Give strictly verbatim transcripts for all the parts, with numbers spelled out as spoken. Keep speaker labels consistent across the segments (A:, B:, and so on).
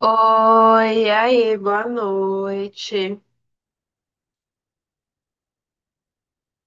A: Oi, e aí, boa noite.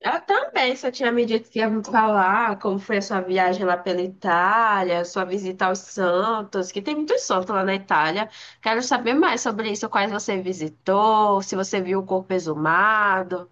A: Eu também, só tinha me dito que ia me falar como foi a sua viagem lá pela Itália, sua visita aos Santos, que tem muitos santos lá na Itália. Quero saber mais sobre isso, quais você visitou, se você viu o corpo exumado.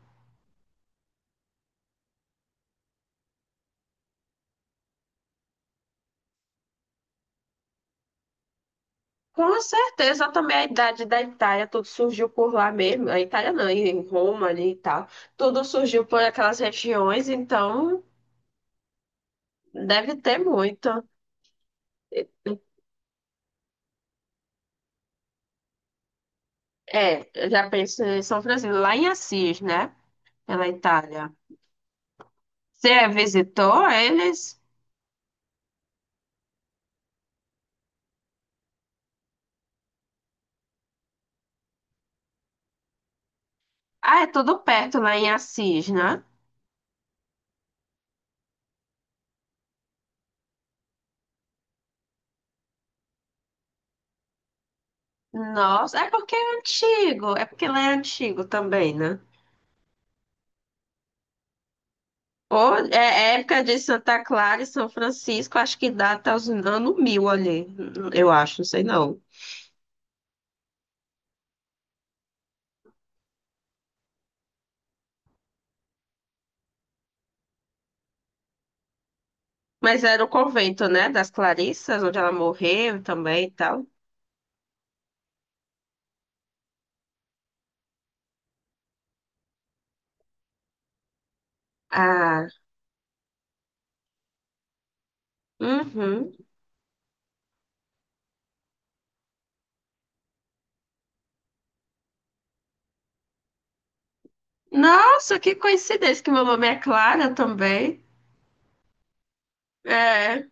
A: Com certeza também a idade da Itália, tudo surgiu por lá mesmo. A Itália não, em Roma ali e tal. Tudo surgiu por aquelas regiões, então deve ter muito. É, eu já penso em São Francisco, lá em Assis, né? Pela Itália. Você visitou eles? Ah, é tudo perto lá em Assis, né? Nossa, é porque é antigo, é porque lá é antigo também, né? Ou é é época de Santa Clara e São Francisco, acho que dá até os anos mil ali, eu acho, não sei não. Mas era o convento, né, das Clarissas, onde ela morreu também e tal. Ah, uhum. Nossa, que coincidência que meu nome é Clara também. É,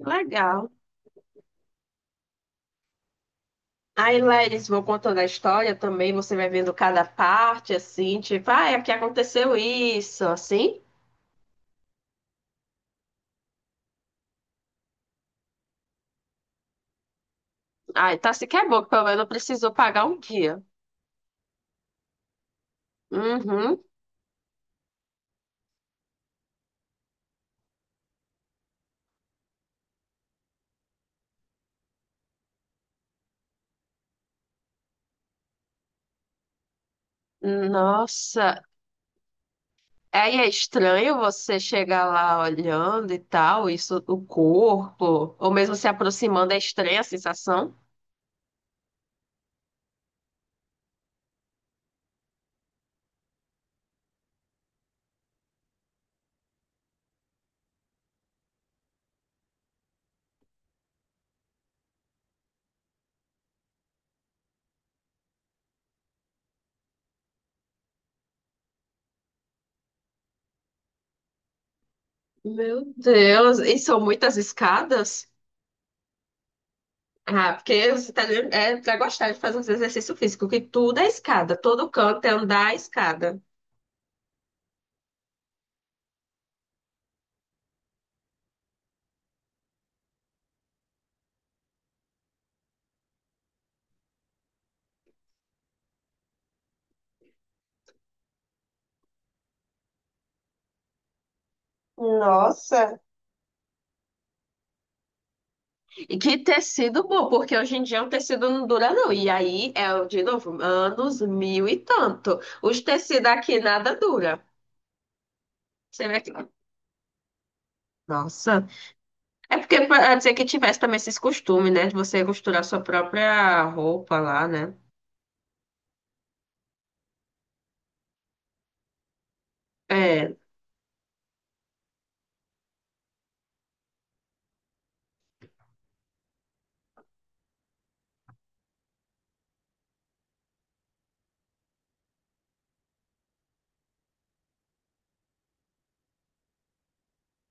A: legal. Aí, Leris, vou contando a história também, você vai vendo cada parte, assim, tipo, ah, é que aconteceu isso, assim. Ah, então assim que é bom, que pelo menos não precisou pagar um guia. Uhum. Nossa, aí é estranho você chegar lá olhando e tal, isso, o corpo, ou mesmo se aproximando, é estranha a sensação. Meu Deus, e são muitas escadas? Ah, porque os italianos é pra gostar de fazer uns exercício físico, que tudo é escada, todo canto é andar a escada. Nossa, e que tecido bom, porque hoje em dia um tecido não dura não. E aí é, o- de novo, anos mil e tanto. Os tecidos aqui nada dura. Você vê que... Nossa. É porque pra dizer que tivesse também esses costumes, né? De você costurar sua própria roupa lá, né? É.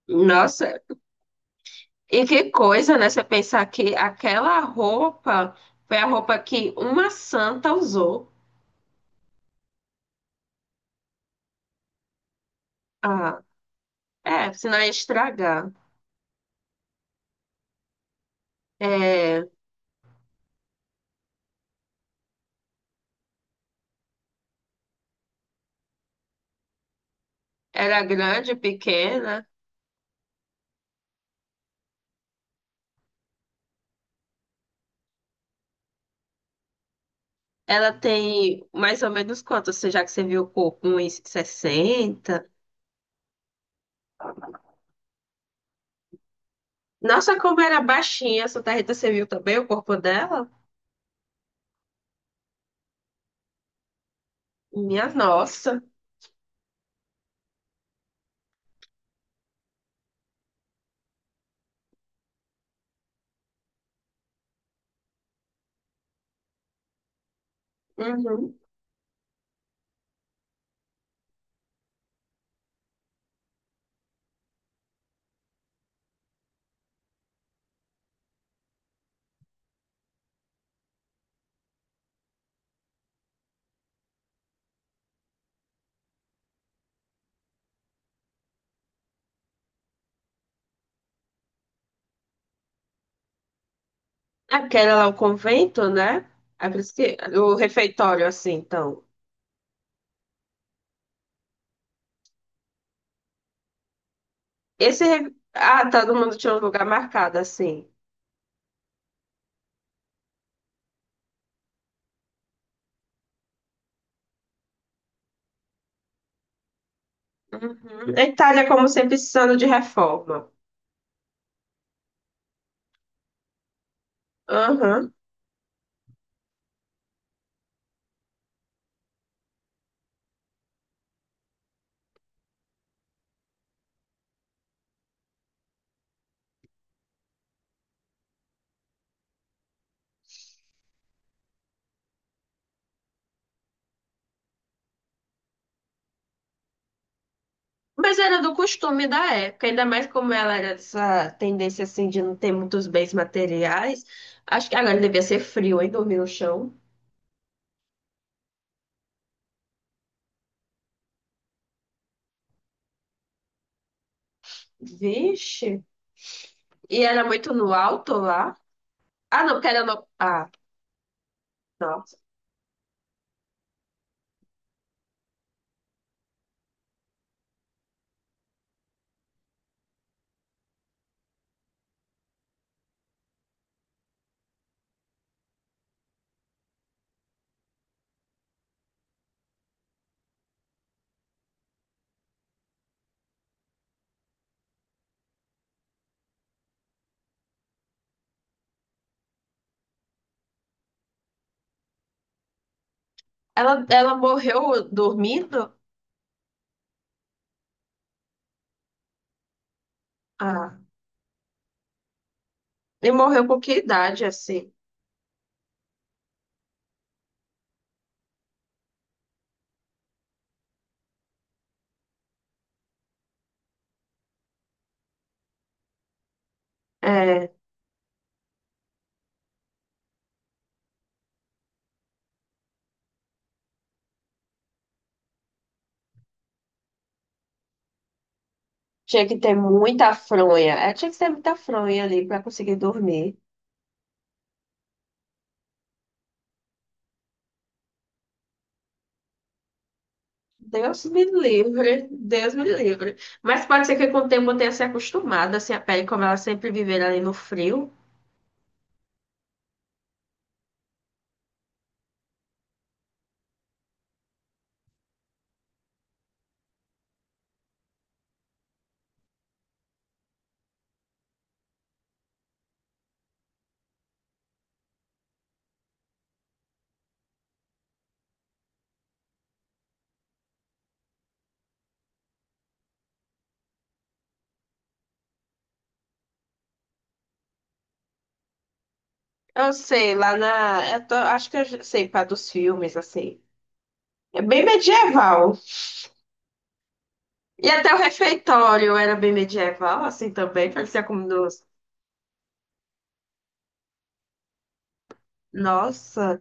A: Nossa, e que coisa, né? Você pensar que aquela roupa foi a roupa que uma santa usou. Ah, é, senão ia estragar. É, era grande, pequena. Ela tem mais ou menos quanto? Você já que você viu o corpo? Uns sessenta? Nossa, como era baixinha. A Santa Rita, você viu também o corpo dela? Minha nossa. Uhum. É porque era lá o convento, né? É por isso que, o refeitório, assim, então. Esse. re- Ah, todo mundo tinha um lugar marcado, assim. Uhum. A Itália, como sempre, precisando de reforma. Uhum. Mas era do costume da época, ainda mais como ela era dessa tendência assim de não ter muitos bens materiais. Acho que agora devia ser frio, hein? Dormir no chão. Vixe. E era muito no alto lá. Ah, não, porque era no... Ah, nossa. Ela, ela morreu dormindo? Ah. E morreu com que idade, assim? É. Tinha que ter muita fronha. É, tinha que ter muita fronha ali para conseguir dormir. Deus me livre, Deus me livre. Mas pode ser que com o tempo eu tenha se acostumado, assim, a pele, como ela sempre viver ali no frio. Eu sei, lá na. Eu tô- Acho que eu já sei, para dos filmes, assim. É bem medieval. E até o refeitório era bem medieval, assim também, parecia como nos. Nossa,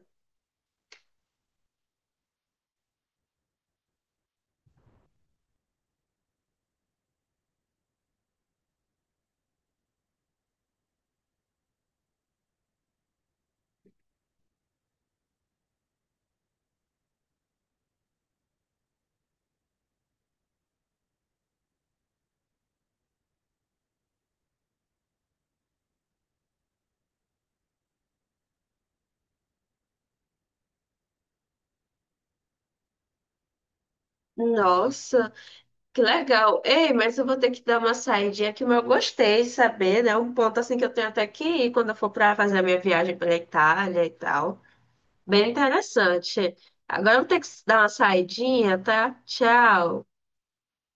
A: nossa. Que legal. Ei, mas eu vou ter que dar uma saidinha aqui, mas eu gostei de saber, né? Um ponto assim que eu tenho até que ir quando eu for para fazer a minha viagem pela Itália e tal. Bem interessante. Agora eu vou ter que dar uma saidinha, tá? Tchau.